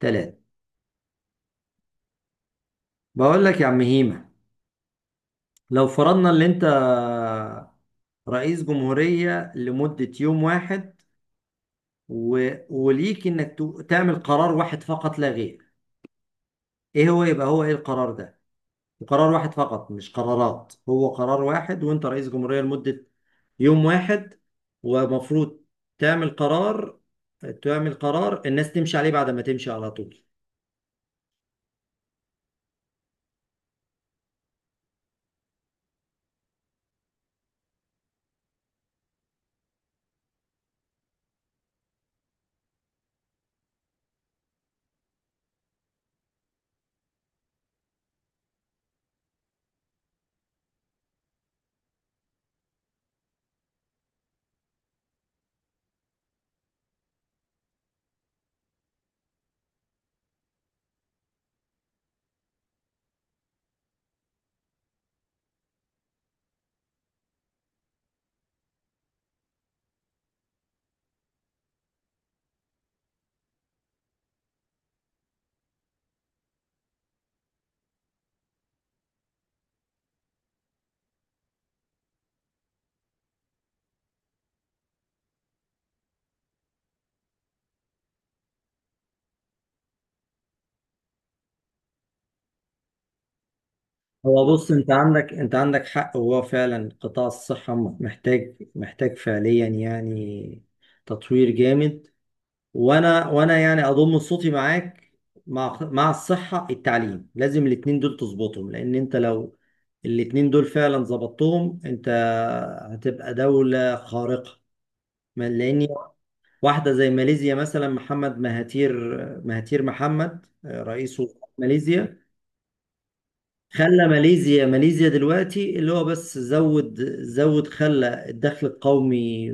تلاتة. بقول لك يا عم هيما، لو فرضنا ان انت رئيس جمهورية لمدة يوم واحد، و... وليك انك تعمل قرار واحد فقط لا غير، ايه هو؟ يبقى هو ايه القرار ده؟ قرار واحد فقط، مش قرارات، هو قرار واحد وانت رئيس جمهورية لمدة يوم واحد، ومفروض تعمل قرار تعمل قرار الناس تمشي عليه بعد ما تمشي على طول. هو بص، انت عندك حق، هو فعلا قطاع الصحة محتاج فعليا يعني تطوير جامد. وانا يعني اضم صوتي معاك. مع الصحة، التعليم، لازم الاتنين دول تظبطهم، لان انت لو الاتنين دول فعلا ظبطتهم انت هتبقى دولة خارقة. لان واحدة زي ماليزيا مثلا، محمد مهاتير، مهاتير محمد، رئيس وزراء ماليزيا، خلى ماليزيا دلوقتي، اللي هو بس زود خلى الدخل القومي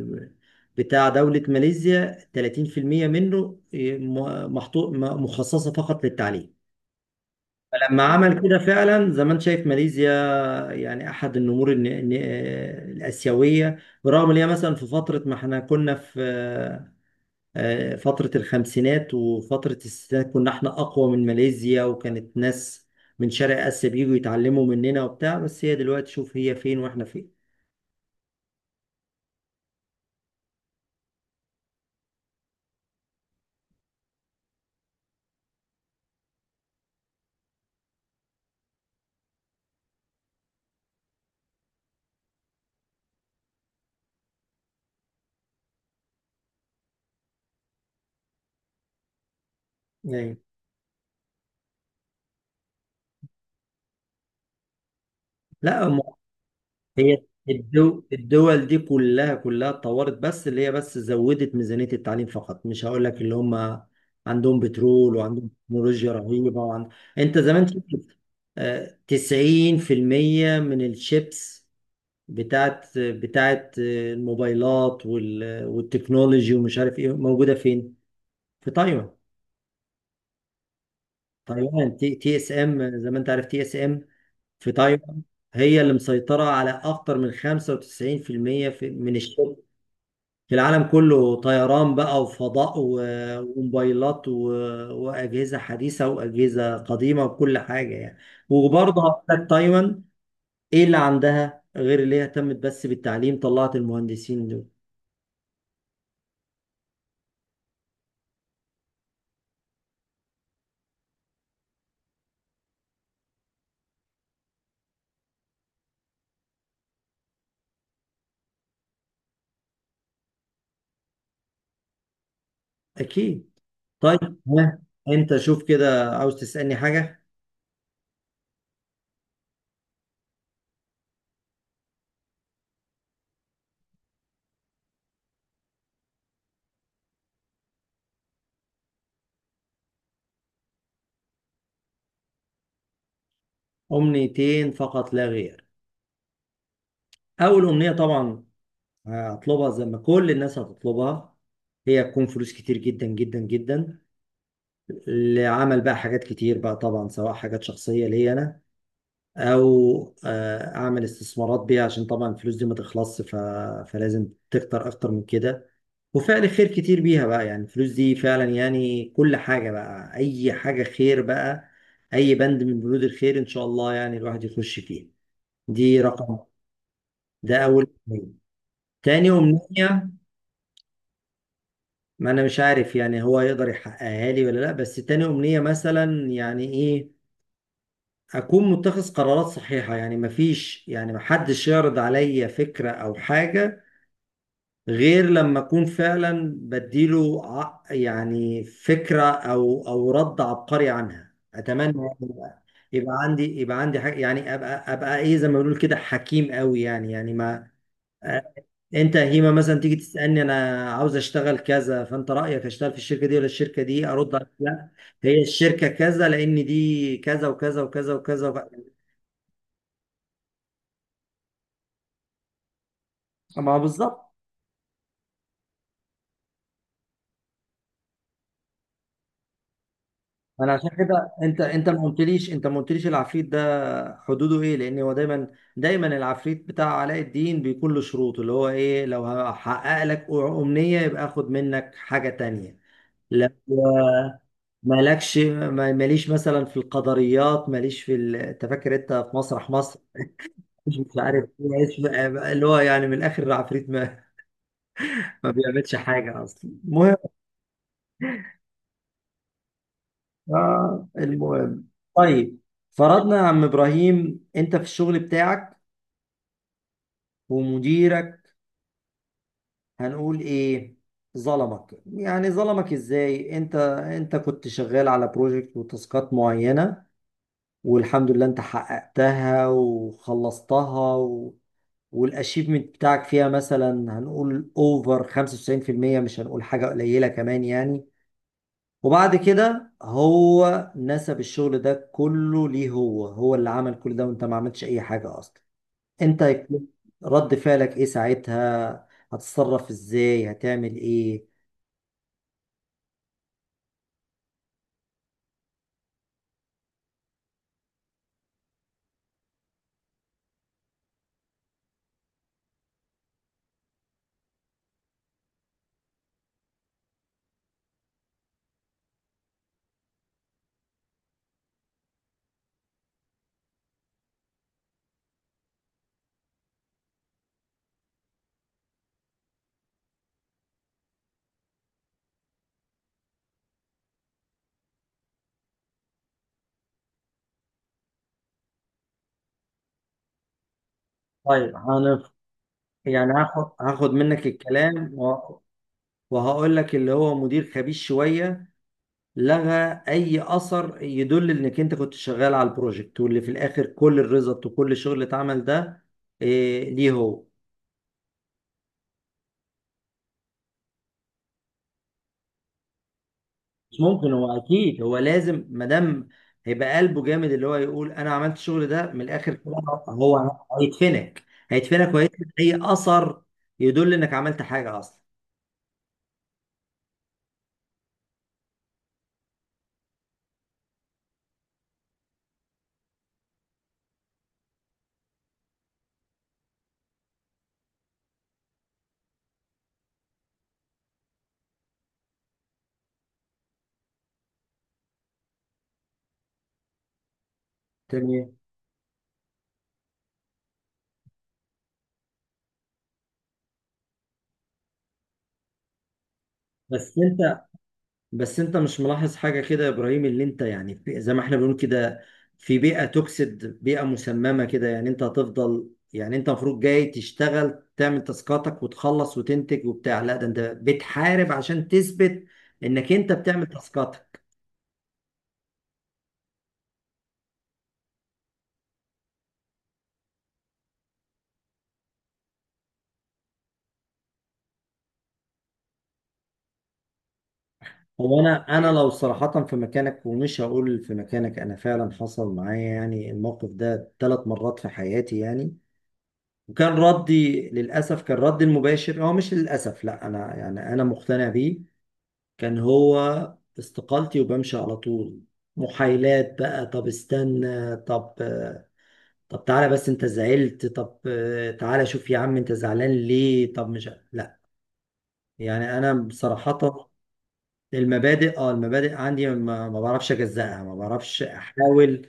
بتاع دولة ماليزيا 30% منه مخصصة فقط للتعليم. فلما عمل كده، فعلا زي ما انت شايف، ماليزيا يعني احد النمور الآسيوية، برغم ان هي مثلا، في فترة ما احنا كنا في فترة الخمسينات وفترة الستينات كنا احنا أقوى من ماليزيا، وكانت ناس من شرق آسيا بييجوا يتعلموا مننا وبتاع. بس هي دلوقتي، شوف هي فين واحنا فين. يعني لا. هي الدول دي كلها اتطورت، بس اللي هي بس زودت ميزانية التعليم فقط. مش هقول لك اللي هم عندهم بترول وعندهم تكنولوجيا رهيبة انت زمان شفت، 90% من الشيبس بتاعت الموبايلات والتكنولوجي، ومش عارف ايه، موجوده فين؟ في تايوان. تايوان تي اس ام، زي ما انت عارف، تي اس ام في تايوان هي اللي مسيطره على اكتر من 95% المية من الشغل في العالم كله. طيران بقى وفضاء وموبايلات واجهزه حديثه واجهزه قديمه وكل حاجه يعني. وبرضه هقول لك تايوان، ايه اللي عندها غير اللي هي اهتمت بس بالتعليم؟ طلعت المهندسين دول. اكيد. طيب، ها، انت شوف كده، عاوز تسألني حاجة؟ أمنيتين فقط لا غير. أول أمنية طبعا هطلبها زي ما كل الناس هتطلبها، هي تكون فلوس كتير جدا جدا جدا، لعمل بقى حاجات كتير، بقى طبعا سواء حاجات شخصية ليا أنا، أو أعمل استثمارات بيها، عشان طبعا الفلوس دي ما تخلصش، فلازم تكتر أكتر من كده، وفعل خير كتير بيها بقى. يعني الفلوس دي فعلا يعني كل حاجة بقى، أي حاجة خير بقى، أي بند من بنود الخير إن شاء الله يعني الواحد يخش فيه. دي رقم... ده أول أمنية. تاني أمنية، ما أنا مش عارف يعني هو يقدر يحققها لي ولا لأ، بس تاني أمنية مثلا يعني، إيه، أكون متخذ قرارات صحيحة. يعني مفيش، يعني محدش يعرض عليا فكرة أو حاجة غير لما اكون فعلا بديله يعني فكره او رد عبقري عنها. اتمنى يعني يبقى عندي حاجة، يعني ابقى ايه زي ما بيقولوا كده، حكيم قوي يعني. يعني ما آه، انت يا هيما مثلا تيجي تسالني، انا عاوز اشتغل كذا، فانت رايك اشتغل في الشركه دي ولا الشركه دي؟ ارد عليك، لا هي الشركه كذا، لان دي كذا وكذا وكذا وكذا وكذا. ما هو بالظبط. انا عشان كده، انت ما قلتليش العفريت ده حدوده ايه، لان هو دايما العفريت بتاع علاء الدين بيكون له شروط، اللي هو ايه؟ لو هحقق لك امنية يبقى اخد منك حاجة تانية. لو مالكش ما- ماليش مثلا في القدريات، ماليش انت فاكر انت في مسرح مصر؟ مش عارف إيه، اللي هو يعني، من الاخر، العفريت ما بيعملش حاجة اصلا. المهم. طيب فرضنا يا عم ابراهيم، انت في الشغل بتاعك، ومديرك، هنقول ايه، ظلمك. يعني ظلمك ازاي؟ انت انت كنت شغال على بروجكت وتاسكات معينة، والحمد لله انت حققتها وخلصتها و... والاشيفمنت بتاعك فيها مثلا هنقول اوفر 95%، مش هنقول حاجة قليلة كمان يعني. وبعد كده هو نسب الشغل ده كله ليه، هو هو اللي عمل كل ده، وانت ما عملتش اي حاجة اصلا. انت يكون رد فعلك ايه ساعتها؟ هتتصرف ازاي؟ هتعمل ايه؟ طيب يعني هاخد منك الكلام وهقول لك اللي هو مدير خبيث شوية، لغى أي أثر يدل إنك أنت كنت شغال على البروجكت، واللي في الآخر كل الريزلت وكل الشغل اللي اتعمل ده إيه، ليه هو. مش ممكن، هو اكيد هو لازم، ما دام هيبقى قلبه جامد اللي هو يقول انا عملت الشغل ده، من الاخر كده هو هيدفنك. هيدفنك وهيدفن اي اثر يدل انك عملت حاجه اصلا. تمام. بس انت بس انت مش ملاحظ حاجه كده يا ابراهيم، اللي انت يعني زي ما احنا بنقول كده، في بيئه توكسيد، بيئه مسممه كده يعني. انت هتفضل، يعني انت المفروض جاي تشتغل، تعمل تاسكاتك وتخلص وتنتج وبتاع، لا ده انت بتحارب عشان تثبت انك انت بتعمل تاسكاتك. هو انا لو صراحة في مكانك، ومش هقول في مكانك، انا فعلا حصل معايا يعني الموقف ده ثلاث مرات في حياتي يعني. وكان ردي، للاسف كان ردي المباشر، هو مش للاسف، لا انا يعني انا مقتنع بيه، كان هو استقالتي، وبمشي على طول. محايلات بقى، طب استنى، طب، طب تعالى بس انت زعلت، طب تعالى شوف يا عم انت زعلان ليه، طب مش. لا يعني انا صراحة المبادئ، اه المبادئ عندي ما بعرفش اجزأها، ما بعرفش احاول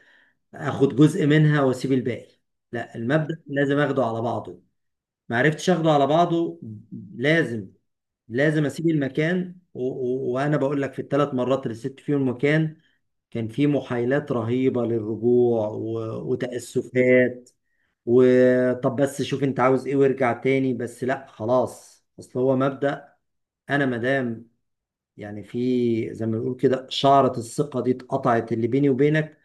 اخد جزء منها واسيب الباقي، لا المبدأ لازم اخده على بعضه. ما عرفتش اخده على بعضه، لازم، لازم اسيب المكان. وانا بقول لك، في الثلاث مرات اللي سبت فيهم المكان كان في محايلات رهيبة للرجوع وتأسفات، وطب بس شوف انت عاوز ايه وارجع تاني، بس لا خلاص، اصل هو مبدأ. انا مادام يعني في، زي ما بنقول كده، شعرة الثقة دي اتقطعت اللي بيني وبينك،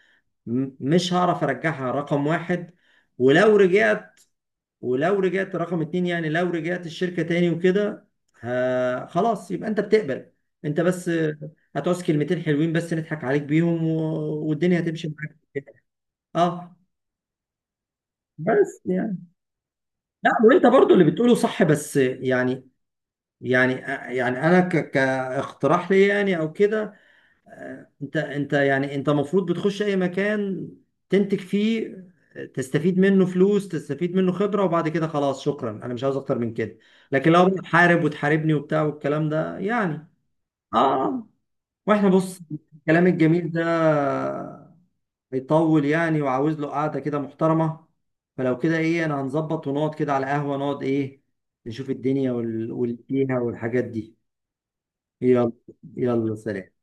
مش هعرف ارجعها رقم واحد. ولو رجعت ولو رجعت رقم اتنين، يعني لو رجعت الشركة تاني وكده، خلاص يبقى انت بتقبل، انت بس هتعوز كلمتين حلوين بس نضحك عليك بيهم، و... والدنيا هتمشي معاك. اه بس يعني، لا وانت برضو اللي بتقوله صح، بس يعني، يعني يعني انا كاقتراح لي يعني او كده، انت المفروض بتخش اي مكان تنتج فيه، تستفيد منه فلوس، تستفيد منه خبرة، وبعد كده خلاص شكرا، انا مش عاوز اكتر من كده. لكن لو بتحارب وتحاربني وبتاع والكلام ده يعني. اه. واحنا بص، الكلام الجميل ده هيطول يعني، وعاوز له قعدة كده محترمة. فلو كده، ايه، انا هنظبط ونقعد كده على قهوة، نقعد ايه، نشوف الدنيا والفيها والحاجات دي. يلا. يلا سلام.